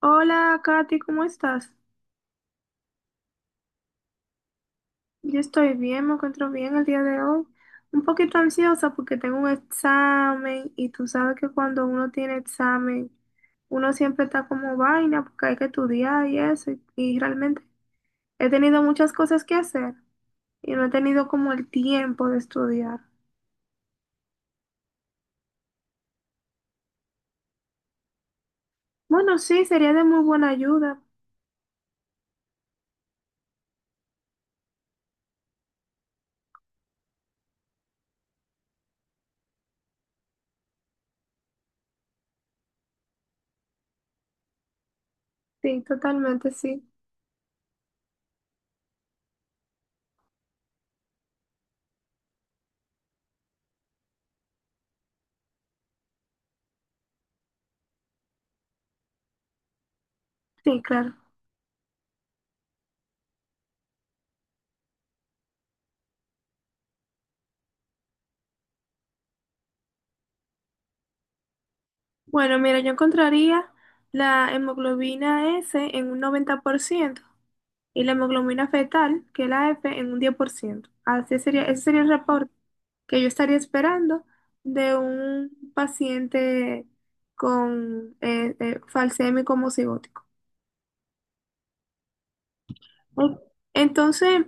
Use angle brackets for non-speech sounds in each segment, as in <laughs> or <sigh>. Hola, Katy, ¿cómo estás? Yo estoy bien, me encuentro bien el día de hoy. Un poquito ansiosa porque tengo un examen y tú sabes que cuando uno tiene examen, uno siempre está como vaina porque hay que estudiar y eso. Y realmente he tenido muchas cosas que hacer y no he tenido como el tiempo de estudiar. Bueno, sí, sería de muy buena ayuda. Sí, totalmente, sí. Sí, claro. Bueno, mira, yo encontraría la hemoglobina S en un 90%. Y la hemoglobina fetal, que es la F, en un 10%. Así sería, ese sería el reporte que yo estaría esperando de un paciente con falsémico homocigótico. Ok. Entonces,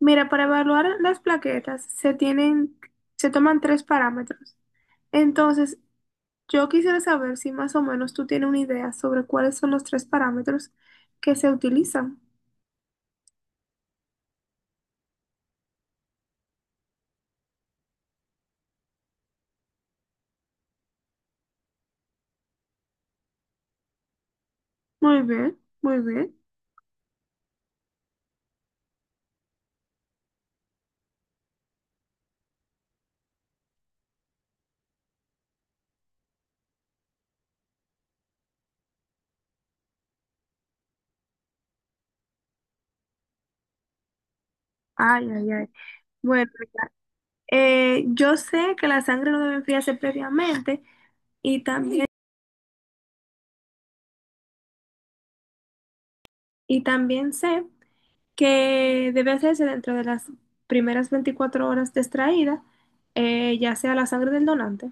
mira, para evaluar las plaquetas se toman tres parámetros. Entonces, yo quisiera saber si más o menos tú tienes una idea sobre cuáles son los tres parámetros que se utilizan. Muy bien, muy bien. Ay, ay, ay. Bueno. Yo sé que la sangre no debe enfriarse previamente y también, y también sé que debe hacerse dentro de las primeras 24 horas de extraída, ya sea la sangre del donante.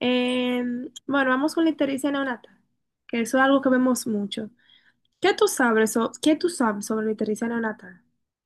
Eh, bueno, vamos con la ictericia neonatal, que eso es algo que vemos mucho. ¿Qué tú sabes, qué tú sabes sobre la ictericia neonatal? <laughs>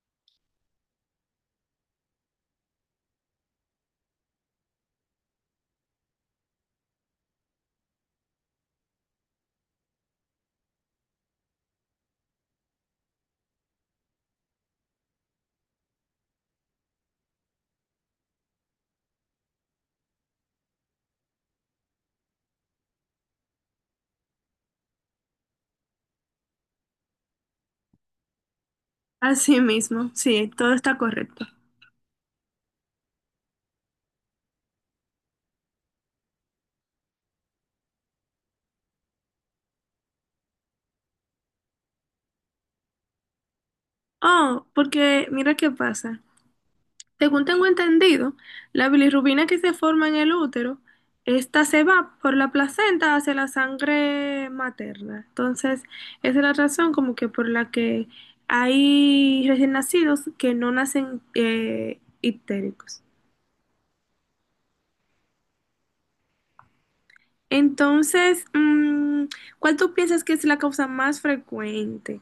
Así mismo, sí, todo está correcto. Oh, porque mira qué pasa. Según tengo entendido, la bilirrubina que se forma en el útero, esta se va por la placenta hacia la sangre materna. Entonces, esa es la razón como que por la que hay recién nacidos que no nacen ictéricos. Entonces, ¿cuál tú piensas que es la causa más frecuente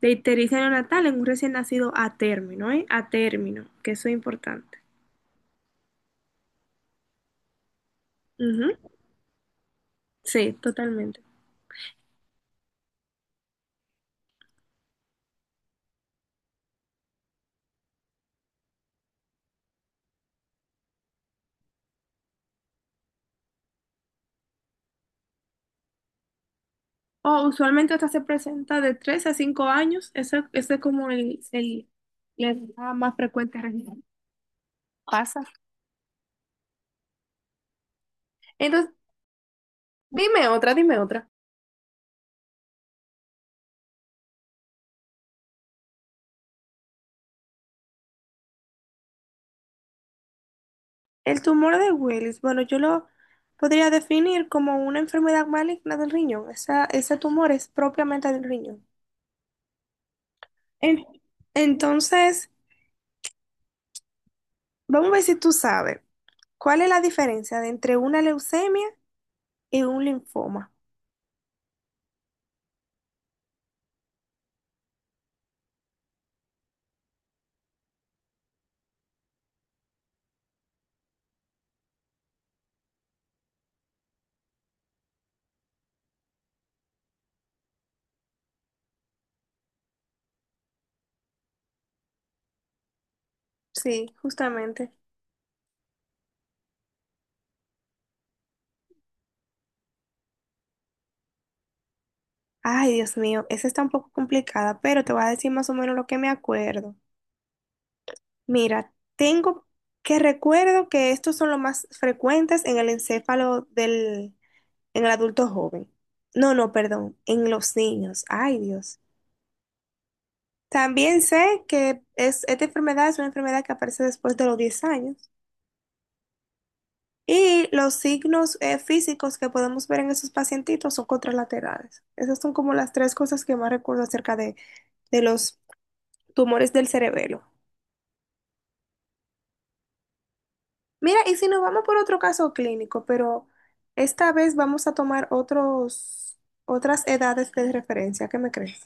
de ictericia neonatal en un recién nacido a término, eh? A término, que eso es importante. Ujú. Sí, totalmente. O usualmente hasta se presenta de 3 a 5 años. Ese es como la edad más frecuente realmente. Pasa. Entonces, dime otra, dime otra. El tumor de Willis, bueno, yo lo podría definir como una enfermedad maligna del riñón. Esa, ese tumor es propiamente del riñón. En- entonces, vamos a ver si tú sabes cuál es la diferencia de entre una leucemia y un linfoma. Sí, justamente. Ay, Dios mío, esa está un poco complicada, pero te voy a decir más o menos lo que me acuerdo. Mira, tengo que recuerdo que estos son los más frecuentes en el encéfalo en el adulto joven. No, no, perdón, en los niños. Ay, Dios. También sé que esta enfermedad es una enfermedad que aparece después de los 10 años. Y los signos físicos que podemos ver en esos pacientitos son contralaterales. Esas son como las tres cosas que más recuerdo acerca de los tumores del cerebelo. Mira, y si nos vamos por otro caso clínico, pero esta vez vamos a tomar otras edades de referencia, ¿qué me crees?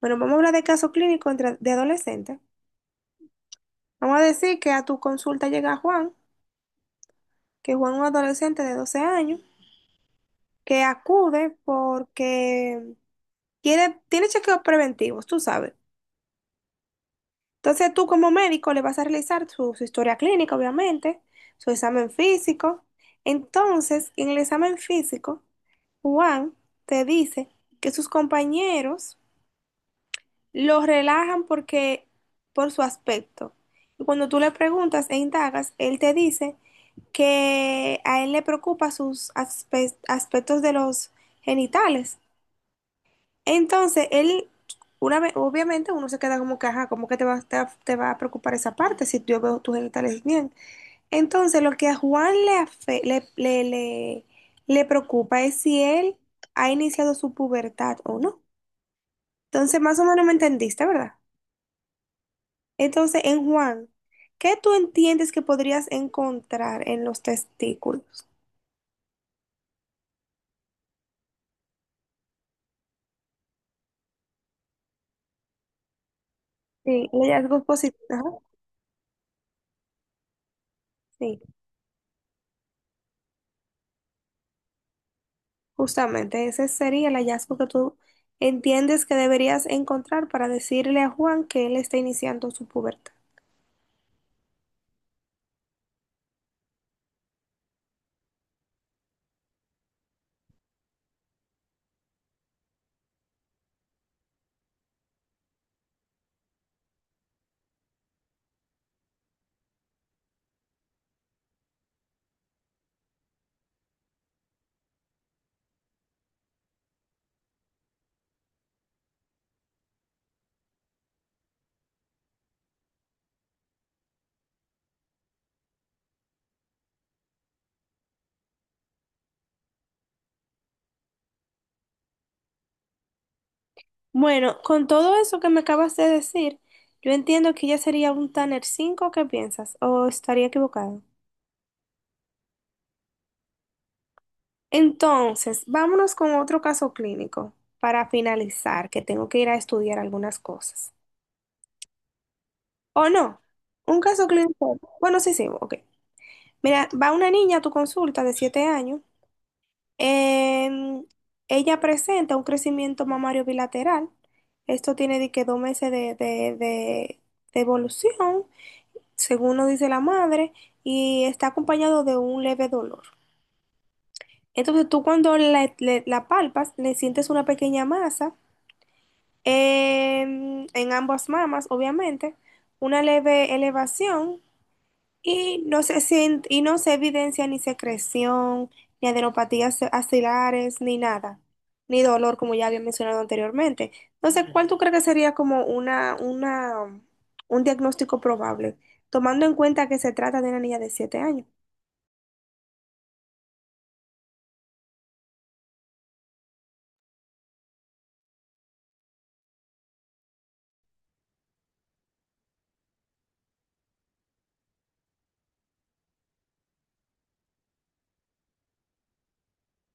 Bueno, vamos a hablar de caso clínico de adolescente. Vamos a decir que a tu consulta llega Juan, que Juan es un adolescente de 12 años, que acude porque quiere, tiene chequeos preventivos, tú sabes. Entonces tú como médico le vas a realizar su historia clínica, obviamente, su examen físico. Entonces, en el examen físico, Juan te dice que sus compañeros lo relajan porque por su aspecto. Y cuando tú le preguntas e indagas, él te dice que a él le preocupa sus aspectos de los genitales. Entonces, él, una vez, obviamente uno se queda como que, ajá, ¿cómo que te va a preocupar esa parte si yo veo tus genitales bien? Entonces, lo que a Juan le, afe- le, le, le le preocupa es si él ha iniciado su pubertad o no. Entonces, más o menos me entendiste, ¿verdad? Entonces, en Juan, ¿qué tú entiendes que podrías encontrar en los testículos? Sí, el hallazgo positivo. Ajá, sí, justamente ese sería el hallazgo que tú entiendes que deberías encontrar para decirle a Juan que él está iniciando su pubertad. Bueno, con todo eso que me acabas de decir, yo entiendo que ya sería un Tanner 5, ¿qué piensas? ¿O estaría equivocado? Entonces, vámonos con otro caso clínico para finalizar, que tengo que ir a estudiar algunas cosas. ¿O no? Un caso clínico. Bueno, sí, sí, ok. Mira, va una niña a tu consulta de 7 años. em, Ella presenta un crecimiento mamario bilateral. Esto tiene de que 2 meses de evolución, según nos dice la madre, y está acompañado de un leve dolor. Entonces, tú cuando la palpas, le sientes una pequeña masa en ambas mamas, obviamente, una leve elevación y y no se evidencia ni secreción, ni adenopatías axilares, ni nada, ni dolor, como ya había mencionado anteriormente. Entonces, ¿cuál tú crees que sería como un diagnóstico probable, tomando en cuenta que se trata de una niña de 7 años?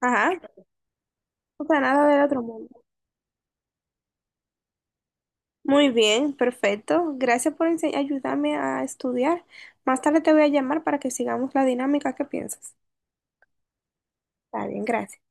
Ajá, o sea, nada del otro mundo. Muy bien, perfecto. Gracias por ayudarme a estudiar. Más tarde te voy a llamar para que sigamos la dinámica. ¿Qué piensas? Está bien, gracias.